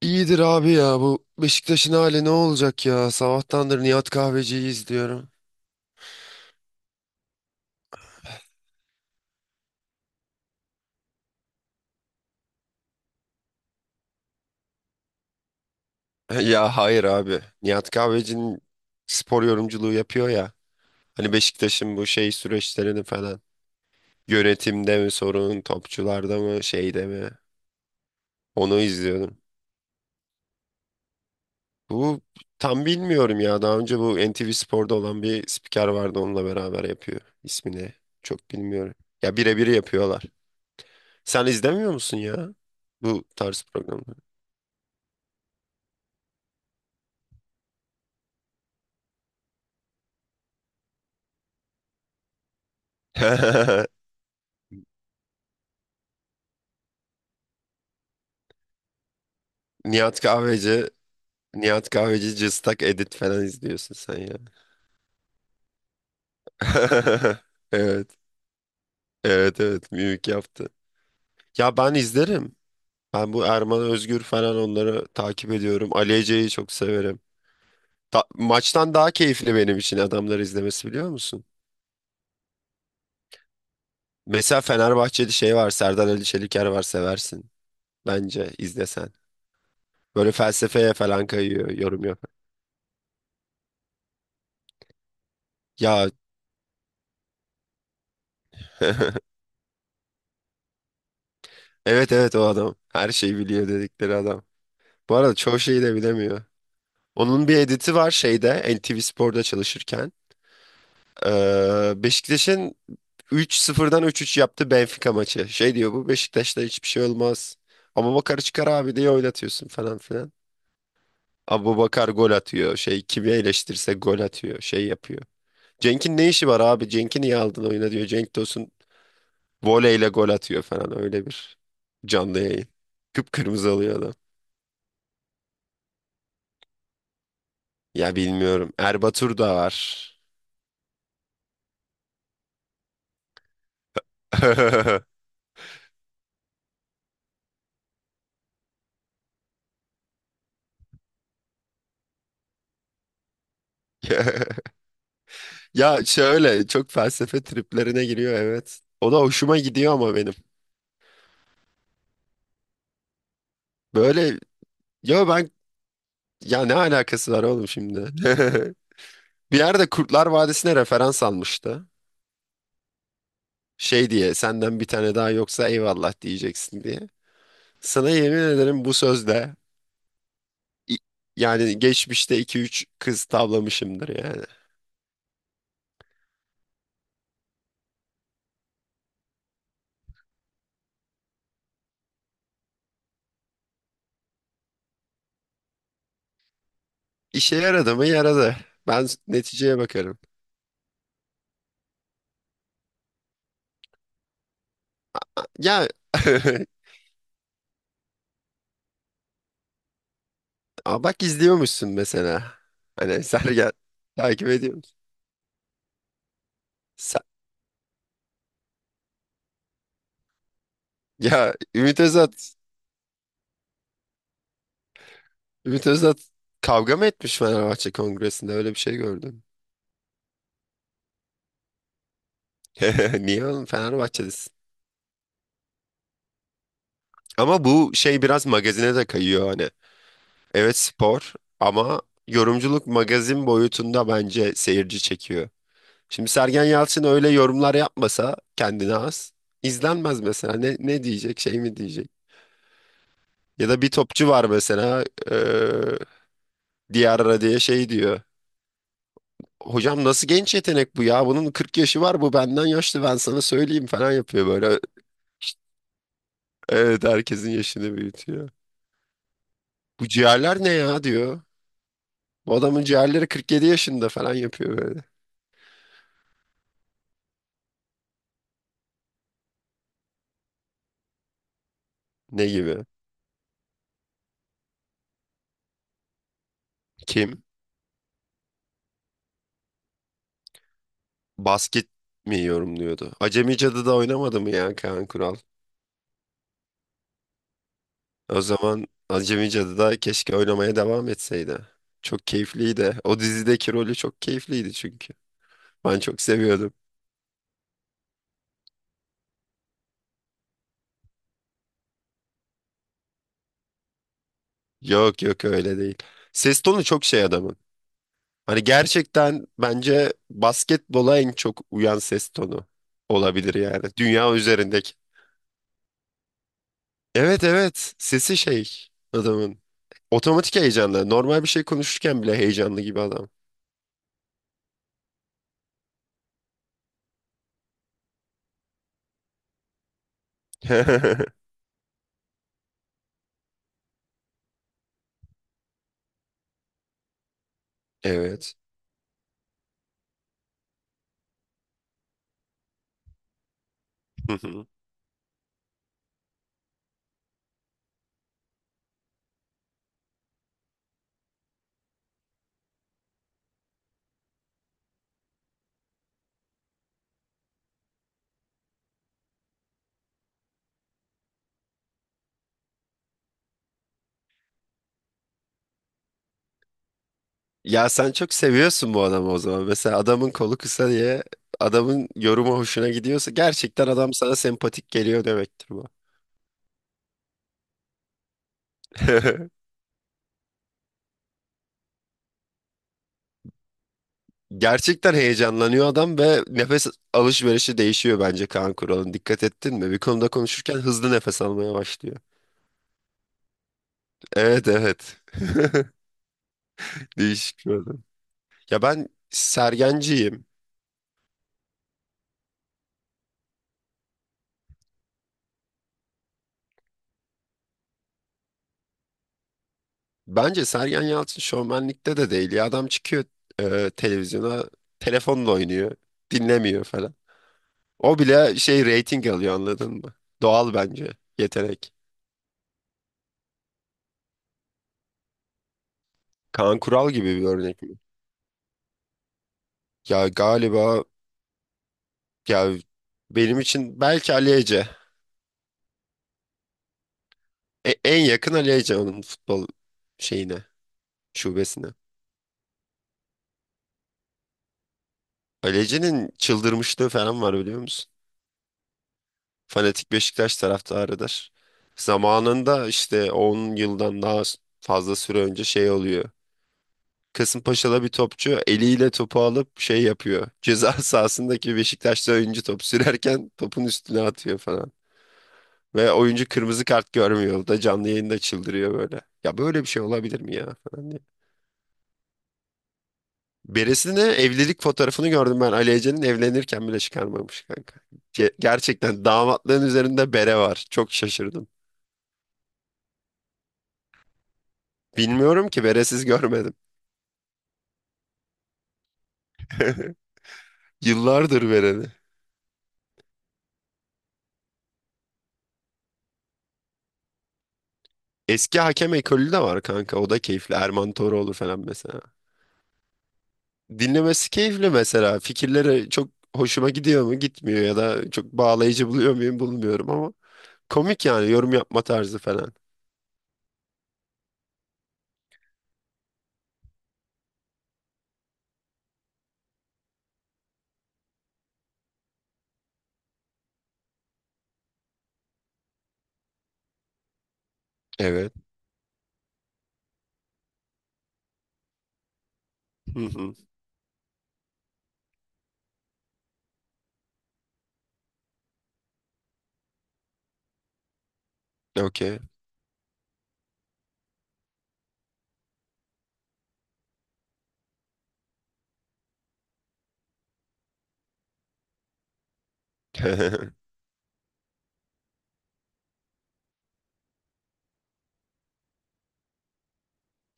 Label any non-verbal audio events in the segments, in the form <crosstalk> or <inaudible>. İyidir abi ya bu Beşiktaş'ın hali ne olacak ya? Sabahtandır Nihat Kahveci'yi izliyorum. <laughs> Ya hayır abi. Nihat Kahveci'nin spor yorumculuğu yapıyor ya. Hani Beşiktaş'ın bu şey süreçlerini falan. Yönetimde mi sorun, topçularda mı, şeyde mi? Onu izliyordum. Bu tam bilmiyorum ya. Daha önce bu NTV Spor'da olan bir spiker vardı onunla beraber yapıyor. İsmini çok bilmiyorum. Ya birebir yapıyorlar. Sen izlemiyor musun ya bu tarz programları? <laughs> Nihat Kahveci, Nihat Kahveci cıstak edit falan izliyorsun sen ya. <laughs> Evet, evet, evet, mimik yaptı. Ya ben izlerim. Ben bu Erman Özgür falan onları takip ediyorum. Ali Ece'yi çok severim. Maçtan daha keyifli benim için adamları izlemesi biliyor musun? Mesela Fenerbahçeli şey var, Serdar Ali Çeliker var seversin. Bence izlesen. Böyle felsefeye falan kayıyor, yorum yap. Ya <laughs> evet evet o adam. Her şeyi biliyor dedikleri adam. Bu arada çoğu şeyi de bilemiyor. Onun bir editi var şeyde NTV Spor'da çalışırken. Beşiktaş'ın 3-0'dan 3-3 yaptı Benfica maçı. Şey diyor bu Beşiktaş'ta hiçbir şey olmaz. Ama Bakar çıkar abi diye oynatıyorsun falan filan. Abu Bakar gol atıyor. Şey kimi eleştirirse gol atıyor. Şey yapıyor. Cenk'in ne işi var abi? Cenk'i niye aldın oyuna diyor. Cenk Tosun voleyle gol atıyor falan öyle bir canlı yayın. Kıpkırmızı oluyor adam. Ya bilmiyorum. Erbatur da var. <laughs> Ya şöyle çok felsefe triplerine giriyor evet. O da hoşuma gidiyor ama benim. Böyle ya ben Ya ne alakası var oğlum şimdi? <laughs> Bir yerde Kurtlar Vadisi'ne referans almıştı. Şey diye senden bir tane daha yoksa eyvallah diyeceksin diye. Sana yemin ederim bu sözle i- yani geçmişte iki üç kız tavlamışımdır yani. İşe yaradı mı yaradı. Ben neticeye bakarım. Ya <laughs> aa bak izliyormuşsun mesela. Hani Sergen takip ediyor musun? Ya Ümit Özat, Ümit Özat kavga mı etmiş Fenerbahçe Kongresi'nde? Öyle bir şey gördüm. <laughs> Niye oğlum Fenerbahçe'desin? Ama bu şey biraz magazine de kayıyor hani. Evet spor ama yorumculuk magazin boyutunda bence seyirci çekiyor. Şimdi Sergen Yalçın öyle yorumlar yapmasa kendine az izlenmez mesela. Ne diyecek şey mi diyecek? Ya da bir topçu var mesela eee Diarra diye şey diyor. Hocam nasıl genç yetenek bu ya? Bunun 40 yaşı var bu benden yaşlı ben sana söyleyeyim falan yapıyor böyle. İşte, evet herkesin yaşını büyütüyor. Bu ciğerler ne ya diyor. Bu adamın ciğerleri 47 yaşında falan yapıyor böyle. Ne gibi? Kim? Basket mi yorumluyordu? Acemi Cadı'da oynamadı mı ya Kaan Kural? O zaman Acemi Cadı'da keşke oynamaya devam etseydi. Çok keyifliydi. O dizideki rolü çok keyifliydi çünkü. Ben çok seviyordum. Yok yok öyle değil. Ses tonu çok şey adamın. Hani gerçekten bence basketbola en çok uyan ses tonu olabilir yani. Dünya üzerindeki. Evet evet sesi şey adamın. Otomatik heyecanlı. Normal bir şey konuşurken bile heyecanlı gibi adam. <laughs> Evet. Hı hı. Ya sen çok seviyorsun bu adamı o zaman. Mesela adamın kolu kısa diye adamın yorumu hoşuna gidiyorsa gerçekten adam sana sempatik geliyor demektir bu. <laughs> Gerçekten heyecanlanıyor adam ve nefes alışverişi değişiyor bence Kaan Kural'ın. Dikkat ettin mi? Bir konuda konuşurken hızlı nefes almaya başlıyor. Evet evet. <laughs> Değişik bir adam. Ya ben Sergenciyim. Bence Sergen Yalçın şovmenlikte de değil. Ya adam çıkıyor televizyona telefonla oynuyor. Dinlemiyor falan. O bile şey reyting alıyor anladın mı? Doğal bence yetenek. Kaan Kural gibi bir örnek mi? Ya galiba ya benim için belki Ali Ece. En yakın Ali Ece onun futbol şeyine, şubesine. Ali Ece'nin çıldırmışlığı falan var biliyor musun? Fanatik Beşiktaş taraftarıdır. Zamanında işte 10 yıldan daha fazla süre önce şey oluyor. Kasımpaşa'da bir topçu eliyle topu alıp şey yapıyor. <laughs> Ceza sahasındaki Beşiktaşlı oyuncu top sürerken topun üstüne atıyor falan. Ve oyuncu kırmızı kart görmüyor. O da canlı yayında çıldırıyor böyle. Ya böyle bir şey olabilir mi ya falan diye. Birisine evlilik fotoğrafını gördüm ben. Ali Ece'nin evlenirken bile çıkarmamış kanka. Gerçekten damatlığın üzerinde bere var. Çok şaşırdım. Bilmiyorum ki beresiz görmedim. <laughs> Yıllardır bereli. Eski hakem ekolü de var kanka. O da keyifli. Erman Toroğlu falan mesela. Dinlemesi keyifli mesela. Fikirleri çok hoşuma gidiyor mu? Gitmiyor ya da çok bağlayıcı buluyor muyum? Bulmuyorum ama komik yani yorum yapma tarzı falan. Evet. Hı hı. Okey. <laughs>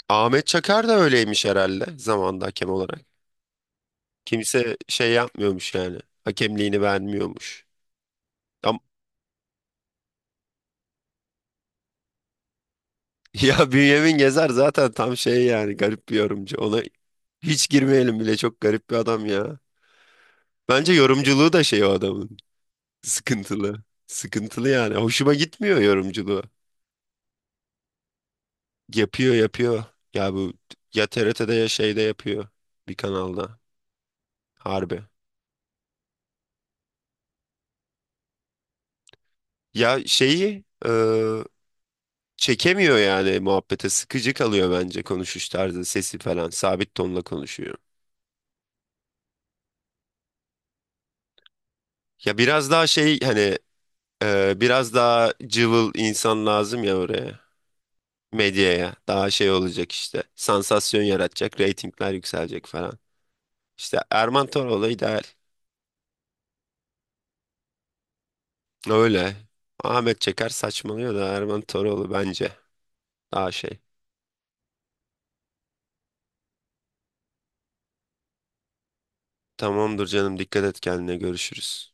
Ahmet Çakar da öyleymiş herhalde zamanda hakem olarak. Kimse şey yapmıyormuş yani. Hakemliğini beğenmiyormuş. Tam, <laughs> ya Bünyamin Gezer zaten tam şey yani garip bir yorumcu. Ona hiç girmeyelim bile çok garip bir adam ya. Bence yorumculuğu da şey o adamın. Sıkıntılı. Sıkıntılı yani. Hoşuma gitmiyor yorumculuğu. Yapıyor yapıyor. Ya bu ya TRT'de ya şeyde yapıyor. Bir kanalda. Harbi. Ya şeyi çekemiyor yani muhabbete. Sıkıcı kalıyor bence konuşuş tarzı, sesi falan. Sabit tonla konuşuyor. Ya biraz daha şey hani biraz daha cıvıl insan lazım ya oraya. Medyaya. Daha şey olacak işte. Sansasyon yaratacak, reytingler yükselecek falan. İşte Erman Toroğlu ideal. Öyle. Ahmet Çeker saçmalıyor da Erman Toroğlu bence daha şey. Tamamdır canım dikkat et kendine görüşürüz.